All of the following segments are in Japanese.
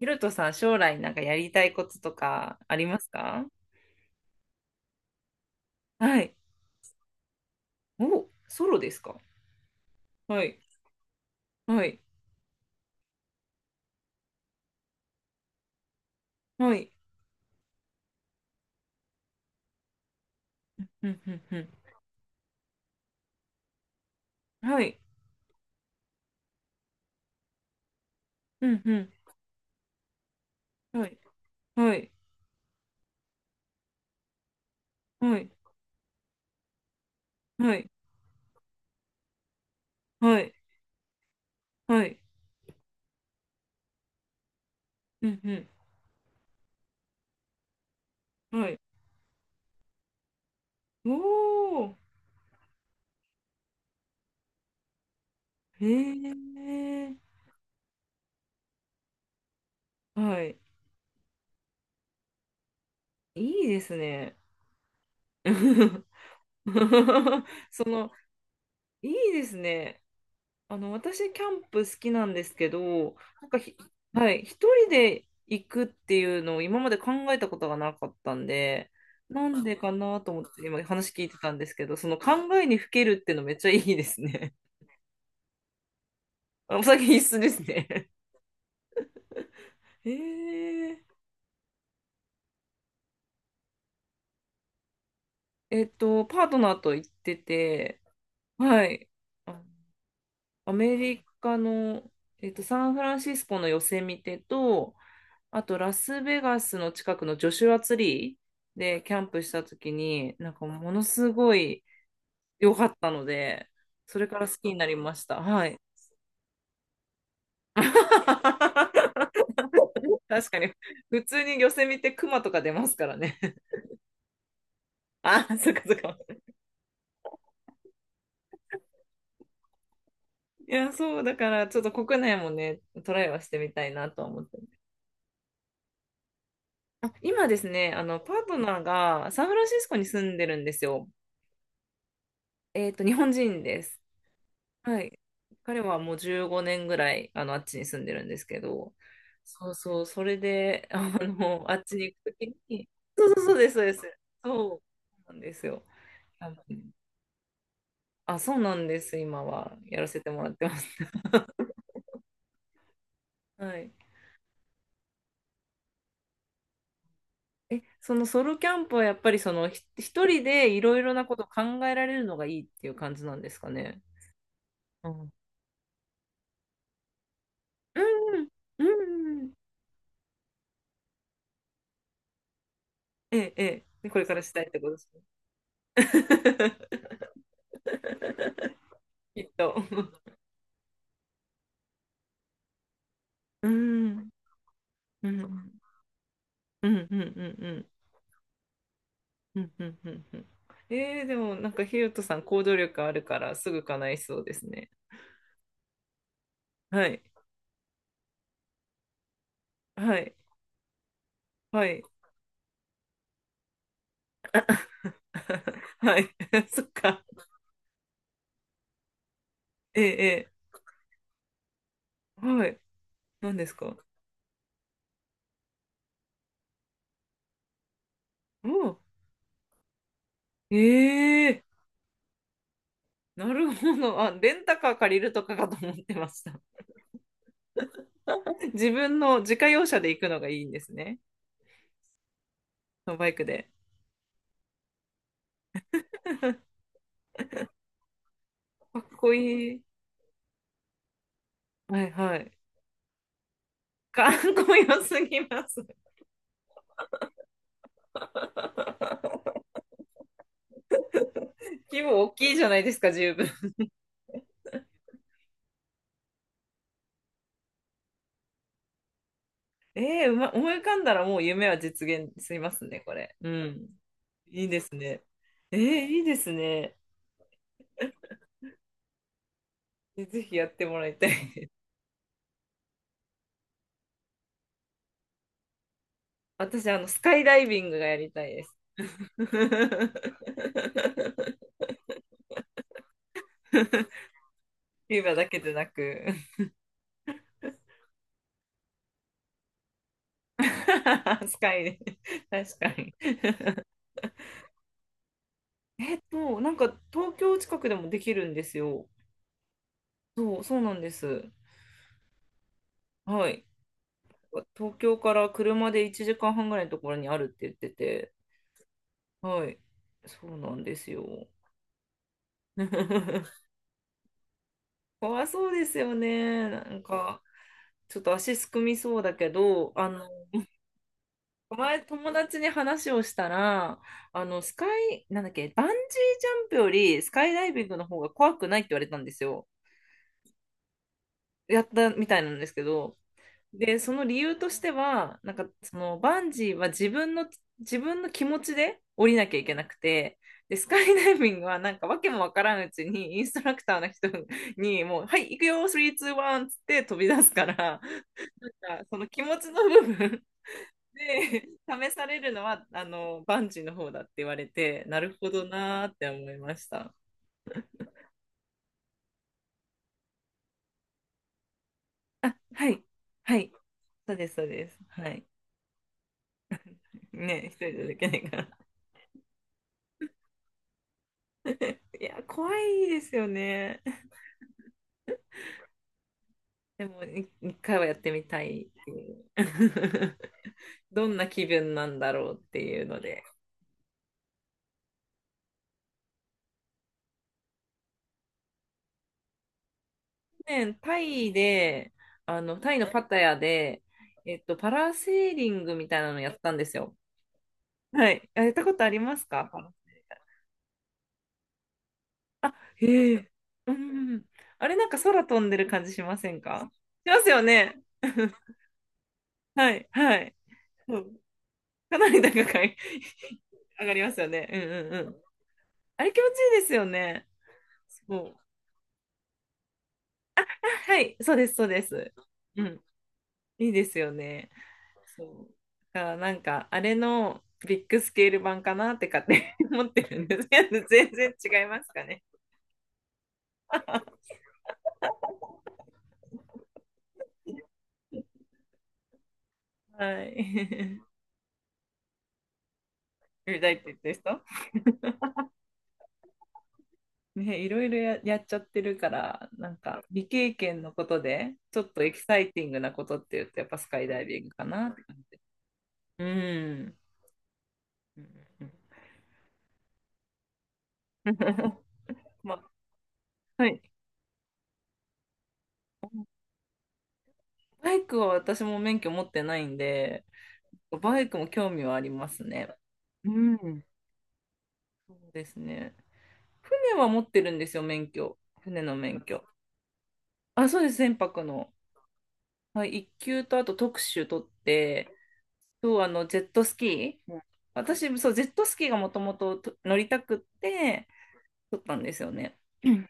ヒロトさん、将来なんかやりたいこととかありますか？はい。お、ソロですか？はい。はい。はい。うん、うん、うん。はい。うん、うん。はい。はい。はい。はい。はい。はい。うん、うん。はい。おー。へえ。はい。いいですね。その、いいですね。私、キャンプ好きなんですけど、なんかはい、一人で行くっていうのを今まで考えたことがなかったんで、なんでかなと思って今話聞いてたんですけど、その考えにふけるっていうのめっちゃいいですね。お酒必須ですね。へえ。パートナーと行ってて、はい、あアメリカの、サンフランシスコのヨセミテと、あと、ラスベガスの近くのジョシュアツリーでキャンプした時に、なんかものすごい良かったので、それから好きになりました。はい。確かに、普通に寄せ見てクマとか出ますからね。あ、そっかそっか。いや、そう、だから、ちょっと国内もね、トライはしてみたいなとは思ってます。あ、今ですね、パートナーがサンフランシスコに住んでるんですよ。日本人です。はい。彼はもう15年ぐらい、あっちに住んでるんですけど、そうそう、それで、あっちに行くときに、そうそうそうです、そうです。そう、そうなんですよ。多分、あ、そうなんです、今は、やらせてもらってます。はい。え、そのソロキャンプはやっぱり一人でいろいろなことを考えられるのがいいっていう感じなんですかね？うん。うん、うん、うん。ええ、ええ。これからしたいってことですね。きっと。うん、うん。うんうんうんうんうんうんうんうん。でもなんかひよとさん行動力あるからすぐ叶いそうですね。はいはいはい はい そっか。ええええはい。何ですか？おう。ええ。なるほど。あ、レンタカー借りるとかかと思ってました。自分の自家用車で行くのがいいんですね。バイクで。かっこいい。はいはい。かっこよすぎます。規模大きいじゃないですか、十分。ええ。思い浮かんだらもう夢は実現しますね、これ。うん。いいですね。ええ。いいですね。え、ぜひやってもらいたいです。私、スカイダイビングがやりたいです。ビーバーだけでなく、スカイで。確かに。なんか、東京近くでもできるんですよ。そう、そうなんです。はい。東京から車で1時間半ぐらいのところにあるって言ってて、はい。そうなんですよ。かわいそうですよね。なんか、ちょっと足すくみそうだけど、前友達に話をしたら、スカイ、なんだっけ、バンジージャンプよりスカイダイビングの方が怖くないって言われたんですよ。やったみたいなんですけど、で、その理由としては、なんかそのバンジーは自分の気持ちで降りなきゃいけなくて、で、スカイダイビングはなんかわけもわからんうちにインストラクターの人にもう、はい、行くよ、スリー、ツー、ワンっつって飛び出すから、なんかその気持ちの部分で 試されるのは、バンジーの方だって言われて、なるほどなーって思いました。あ、はい、はい、そうです、そうです。はい。ね、一人じゃできないから。いや、怖いですよね。でも、1回はやってみたいっていう。どんな気分なんだろうっていうので。去年、タイで、タイのパタヤで、パラセーリングみたいなのやったんですよ。はい。あ、やったことありますか？あ、へえ。うん。あれなんか空飛んでる感じしませんか？しますよね。はい、はい。そう。かなり高い 上がりますよね。うんうんうん。あれ気持ちいいですよね。そう。はい、そうです、そうです。うん、いいですよね。そう。だからなんか、あれのビッグスケール版かなって勝手に 思ってるんですけど、全然違いますかね？はい。見たいって言ってる人ね、いろいろやっちゃってるから、なんか未経験のことで、ちょっとエキサイティングなことって言うと、やっぱスカイダイビングかなって感じ。うん。うんうん まあ、はい。バイクは私も免許持ってないんで、バイクも興味はありますね。うん。そうですね。船は持ってるんですよ、免許。船の免許。あ、そうです、船舶の。はい、いっ級とあと特殊取って、そう、ジェットスキー。うん。私、そう、ジェットスキーがもともと乗りたくって、取ったんですよね。うん。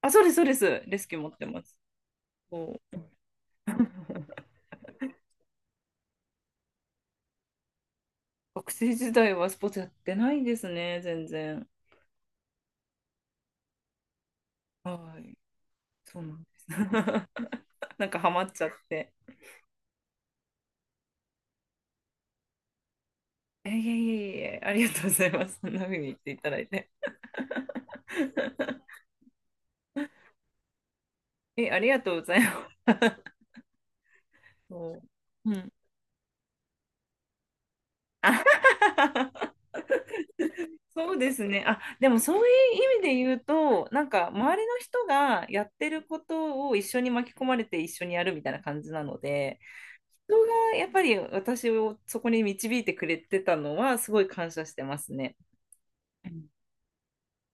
あ、そうです、そうです。レスキュー持ってます。そう。学生時代はスポーツやってないですね、全然。はい。そうなんです。なんかハマっちゃって。えいえいえいえ、ありがとうございます。そんな風に言っていただいて。え、ありがとうございます。そう、うん。あ そうですね。あ、でもそういう意味で言うと、なんか周りの人がやってることを一緒に巻き込まれて一緒にやるみたいな感じなので、人がやっぱり私をそこに導いてくれてたのはすごい感謝してますね。うん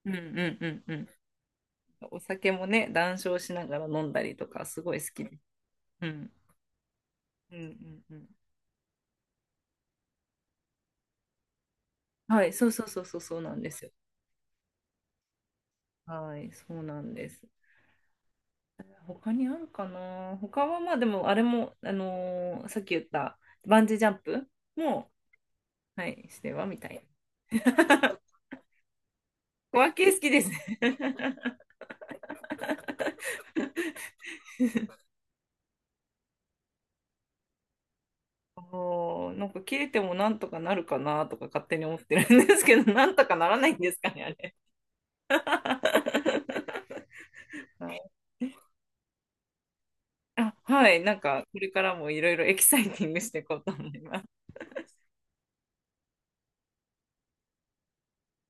うんうんうんうん。お酒もね、談笑しながら飲んだりとかすごい好きで。うん。うんうんうん。はい、そうそうそうそうそうなんですよ。はい、そうなんです。他にあるかな？他はまあでもあれも、さっき言ったバンジージャンプも、はい、してはみたいな。小分け好きですね。おー、なんか切れてもなんとかなるかなとか勝手に思ってるんですけど、なんとかならないんですかね、あれ。はい、あ、はい、なんかこれからもいろいろエキサイティングしていこうと思います。